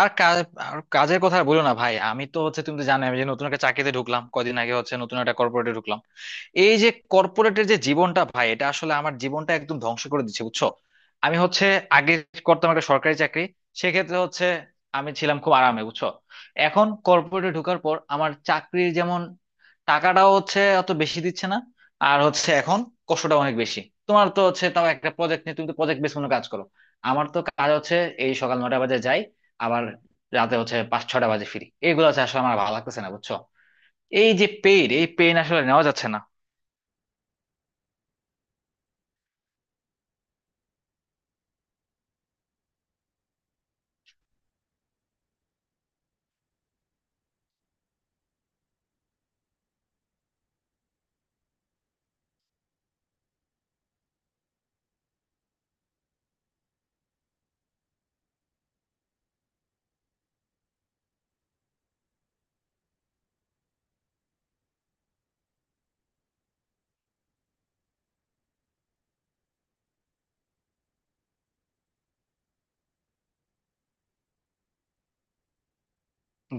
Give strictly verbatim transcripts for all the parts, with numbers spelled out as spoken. আর কাজ আর কাজের কথা আর বলো না, ভাই। আমি তো হচ্ছে, তুমি তো জানো, আমি যে নতুন একটা চাকরিতে ঢুকলাম কদিন আগে। হচ্ছে নতুন একটা কর্পোরেটে ঢুকলাম। এই যে কর্পোরেটের যে জীবনটা, ভাই, এটা আসলে আমার জীবনটা একদম ধ্বংস করে দিচ্ছে, বুঝছো। আমি হচ্ছে আগে করতাম একটা সরকারি চাকরি। সেক্ষেত্রে হচ্ছে আমি ছিলাম খুব আরামে, বুঝছো। এখন কর্পোরেটে ঢোকার পর আমার চাকরির যেমন টাকাটাও হচ্ছে অত বেশি দিচ্ছে না, আর হচ্ছে এখন কষ্টটা অনেক বেশি। তোমার তো হচ্ছে, তাও একটা প্রজেক্ট নিয়ে তুমি তো প্রজেক্ট বেস কোনো কাজ করো। আমার তো কাজ হচ্ছে এই সকাল নটা বাজে যাই, আবার রাতে হচ্ছে পাঁচ ছটা বাজে ফিরি। এগুলো হচ্ছে আসলে আমার ভালো লাগতেছে না, বুঝছো। এই যে পেইন, এই পেইন আসলে নেওয়া যাচ্ছে না।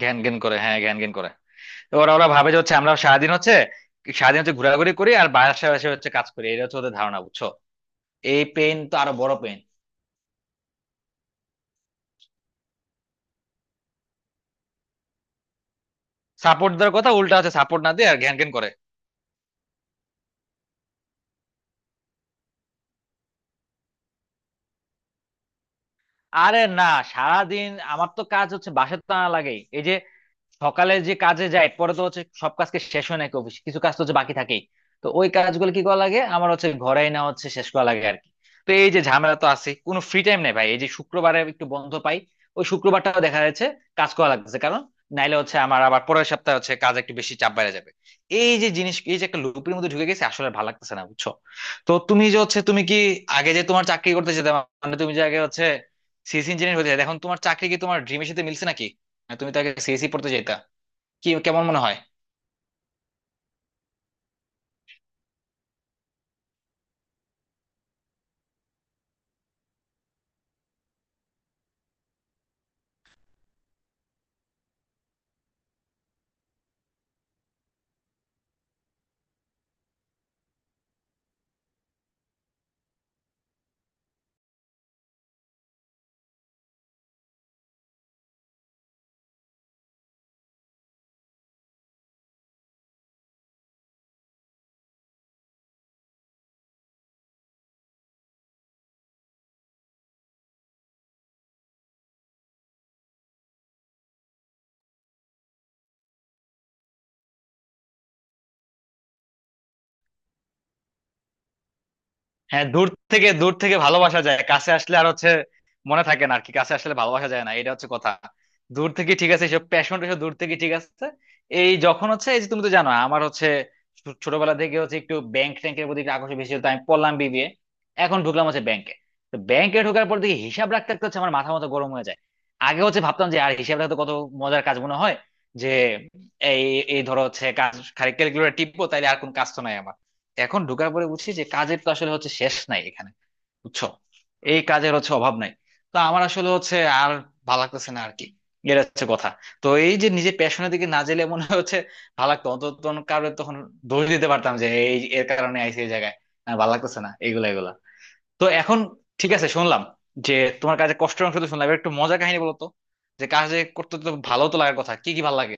ঘ্যান ঘ্যান করে, হ্যাঁ, ঘ্যান ঘ্যান করে। তো ওরা ওরা ভাবে যে হচ্ছে আমরা সারাদিন হচ্ছে, সারাদিন হচ্ছে ঘোরাঘুরি করি আর বাসায় বাসায় হচ্ছে কাজ করি। এটা হচ্ছে ওদের ধারণা, বুঝছো। এই পেন তো আরো বড় পেন। সাপোর্ট দেওয়ার কথা, উল্টা হচ্ছে সাপোর্ট না দিয়ে আর ঘ্যান ঘ্যান করে। আরে না, সারাদিন আমার তো কাজ হচ্ছে, বাসায় তো আনা লাগেই। এই যে সকালে যে কাজে যায়, পরে তো হচ্ছে সব কাজকে শেষ হয় নাকি? অফিস কিছু কাজ তো হচ্ছে বাকি থাকেই। তো ওই কাজগুলো কি করা লাগে আমার হচ্ছে ঘরে, না হচ্ছে শেষ করা লাগে আর কি। তো এই যে ঝামেলা তো আছে, কোনো ফ্রি টাইম নেই, ভাই। এই যে শুক্রবারে একটু বন্ধ পাই, ওই শুক্রবারটাও দেখা যাচ্ছে কাজ করা লাগছে। কারণ নাইলে হচ্ছে আমার আবার পরের সপ্তাহে হচ্ছে কাজ একটু বেশি চাপ বেড়ে যাবে। এই যে জিনিস, এই যে একটা লুপের মধ্যে ঢুকে গেছে, আসলে ভালো লাগতেছে না, বুঝছো। তো তুমি যে হচ্ছে, তুমি কি আগে যে তোমার চাকরি করতে যেতে, মানে তুমি যে আগে হচ্ছে সিএস ইঞ্জিনিয়ার হতে চাইতে, এখন তোমার চাকরি কি তোমার ড্রিমের সাথে মিলছে নাকি? তুমি তাকে সিএসি পড়তে যেতা? কি কেমন মনে হয়? হ্যাঁ, দূর থেকে দূর থেকে ভালোবাসা যায়, কাছে আসলে আর হচ্ছে মনে থাকে না আর কি। কাছে আসলে ভালোবাসা যায় না, এটা হচ্ছে কথা। দূর থেকে ঠিক আছে, এসব প্যাশন এসব দূর থেকে ঠিক আছে। এই যখন হচ্ছে, এই যে তুমি তো জানো আমার হচ্ছে ছো- ছোটবেলা থেকে হচ্ছে একটু ব্যাংক ট্যাংকের প্রতি একটু আকর্ষণ বেশি ছিল, তো আমি পড়লাম বিবিএ। এখন ঢুকলাম হচ্ছে ব্যাংকে। তো ব্যাংকে ঢোকার পর দেখি হিসাব রাখতে রাখতে হচ্ছে আমার মাথা মতো গরম হয়ে যায়। আগে হচ্ছে ভাবতাম যে আর হিসাব রাখতে কত মজার কাজ মনে হয়, যে এই এই ধরো হচ্ছে কাজ খালি ক্যালকুলেটর টিপবো, তাইলে আর কোন কাজ তো নাই আমার। এখন ঢোকার পরে বুঝছি যে কাজের তো আসলে হচ্ছে শেষ নাই এখানে, বুঝছো। এই কাজের হচ্ছে অভাব নাই। তো আমার আসলে হচ্ছে আর ভালো লাগতেছে না আর কি, এটা হচ্ছে কথা। তো এই যে নিজের প্যাশনের দিকে না গেলে মনে হচ্ছে ভালো লাগতো অন্তত, তখন কারণে তখন দোষ দিতে পারতাম যে এই এর কারণে আইসি এই জায়গায়। আর ভালো লাগতেছে না এগুলা এগুলা। তো এখন ঠিক আছে, শুনলাম যে তোমার কাজে কষ্টের অংশ তো শুনলাম, এবার একটু মজা কাহিনী বলো তো। যে কাজে করতে তো ভালো তো লাগার কথা, কি কি ভালো লাগে?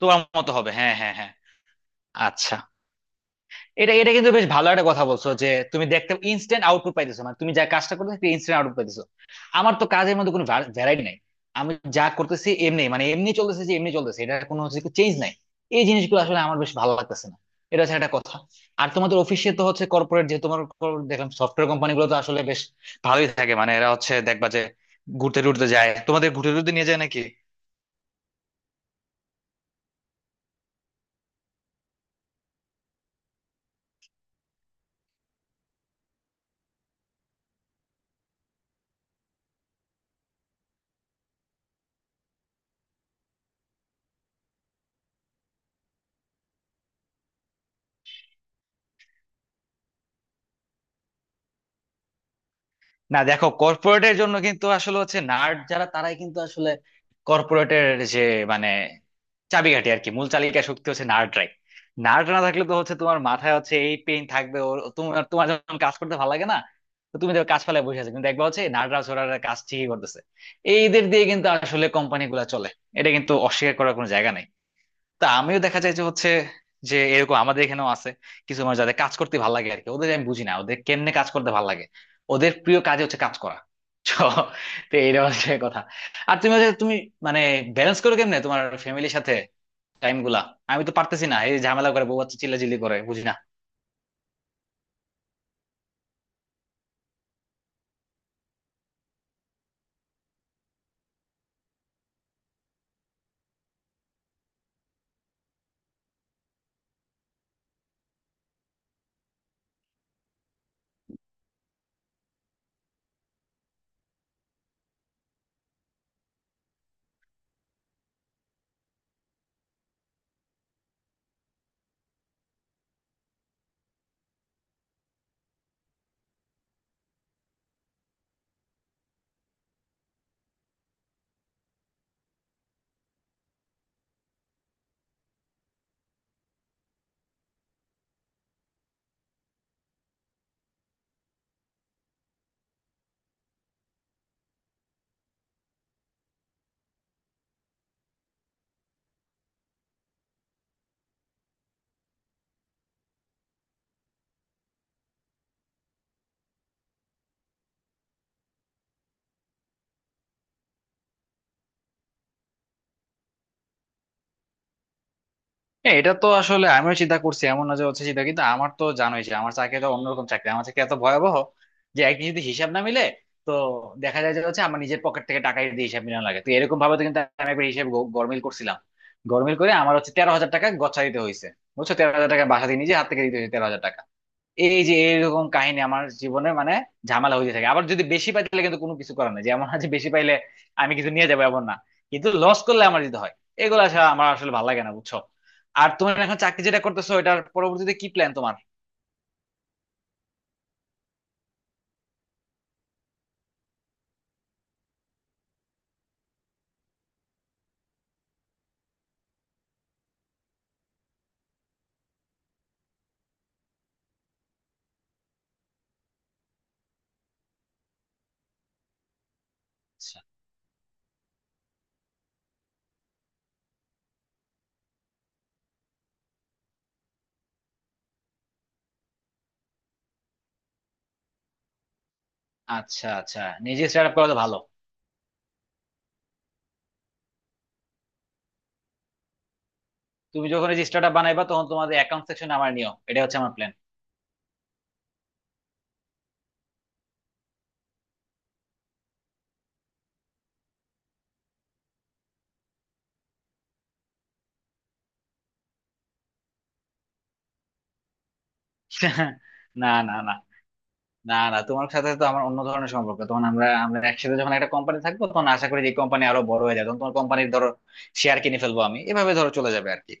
তোমার মতো হবে, হ্যাঁ, হ্যাঁ, হ্যাঁ। আচ্ছা। এটা এটা কিন্তু বেশ ভালো একটা কথা বলছো যে তুমি দেখতে ইনস্ট্যান্ট আউটপুট পাইতেছো, মানে তুমি যা কাজটা করতেছো ইনস্ট্যান্ট আউটপুট পাইতেছো। আমার তো কাজের মধ্যে কোনো ভ্যারাইটি নাই। আমি যা করতেছি এমনি, মানে এমনি চলতেছে, যে এমনি চলতেছে, এটা কোনো হচ্ছে চেঞ্জ নাই। এই জিনিসগুলো আসলে আমার বেশ ভালো লাগতেছে না, এটা হচ্ছে একটা কথা। আর তোমাদের অফিসে তো হচ্ছে কর্পোরেট, যে তোমার কর- দেখলাম সফটওয়্যার কোম্পানি গুলো তো আসলে বেশ ভালোই থাকে, মানে এরা হচ্ছে দেখবা যে ঘুরতে টুরতে যায়। তোমাদের ঘুরতে টুরতে নিয়ে যায় নাকি? না, দেখো কর্পোরেটের জন্য কিন্তু আসলে হচ্ছে নার্ড যারা, তারাই কিন্তু আসলে কর্পোরেটের যে, মানে, চাবিকাঠি আর কি, মূল চালিকা শক্তি হচ্ছে নার্ডরাই। নার্ড না থাকলে তো হচ্ছে তোমার মাথায় হচ্ছে এই পেইন থাকবে। ওর, তোমার তোমার যখন কাজ করতে ভালো লাগে না, তো তুমি দেখো কাজ ফেলায় বসে আছো, কিন্তু দেখবা হচ্ছে নার্ডরা ছোড়ারা কাজ ঠিকই করতেছে। এইদের দিয়ে কিন্তু আসলে কোম্পানি গুলা চলে, এটা কিন্তু অস্বীকার করার কোনো জায়গা নাই। তা আমিও দেখা যায় যে হচ্ছে যে এরকম আমাদের এখানেও আছে কিছু মানুষ যাদের কাজ করতে ভালো লাগে আর কি। ওদের আমি বুঝি না, ওদের কেমনে কাজ করতে ভালো লাগে। ওদের প্রিয় কাজে হচ্ছে কাজ করা। তো, তো এইটা হচ্ছে কথা। আর তুমি হচ্ছে তুমি, মানে, ব্যালেন্স করো কেমনে তোমার ফ্যামিলির সাথে টাইম গুলা? আমি তো পারতেছি না, এই ঝামেলা করে বউ বাচ্চা চিল্লাচিল্লি করে, বুঝি না। হ্যাঁ, এটা তো আসলে আমিও চিন্তা করছি। এমন না যে হচ্ছে চিন্তা, কিন্তু আমার তো জানোই যে আমার চাকরিটা অন্যরকম চাকরি। আমার চাকরি এত ভয়াবহ যে একদিন যদি হিসাব না মিলে, তো দেখা যায় যে হচ্ছে আমার নিজের পকেট থেকে টাকা দিয়ে হিসাব মিলানো লাগে। তো এরকম ভাবে তো কিন্তু আমি একবার হিসাব গ- গরমিল করছিলাম। গরমিল করে আমার হচ্ছে তেরো হাজার টাকা গচ্ছা দিতে হয়েছে। বুঝছো, তেরো হাজার টাকা বাসা দিয়ে নিজে হাত থেকে দিতে হয়েছে, তেরো হাজার টাকা। এই যে এরকম কাহিনী আমার জীবনে, মানে, ঝামেলা হয়ে থাকে। আবার যদি বেশি পাই তাহলে কিন্তু কোনো কিছু করার নাই, যে এমন আছে বেশি পাইলে আমি কিছু নিয়ে যাবো, এমন না। কিন্তু লস করলে আমার যেতে হয়। এগুলো আসলে আমার আসলে ভালো লাগে না, বুঝছো। আর তোমার এখন চাকরি যেটা করতেছো, এটার পরবর্তীতে কি প্ল্যান তোমার? আচ্ছা, আচ্ছা, আচ্ছা, নিজে স্টার্ট আপ করা তো ভালো। তুমি যখন এই যে স্টার্ট আপ বানাইবা তখন তোমাদের অ্যাকাউন্ট সেকশনে আমার নিও, এটা হচ্ছে আমার প্ল্যান। না, না, না, না, না, তোমার সাথে তো আমার অন্য ধরনের সম্পর্ক। তখন আমরা আমরা একসাথে যখন একটা কোম্পানি থাকবো, তখন আশা করি যে কোম্পানি আরো বড় হয়ে যাবে। তখন তোমার কোম্পানির ধরো শেয়ার কিনে ফেলবো আমি, এভাবে ধরো চলে যাবে আর কি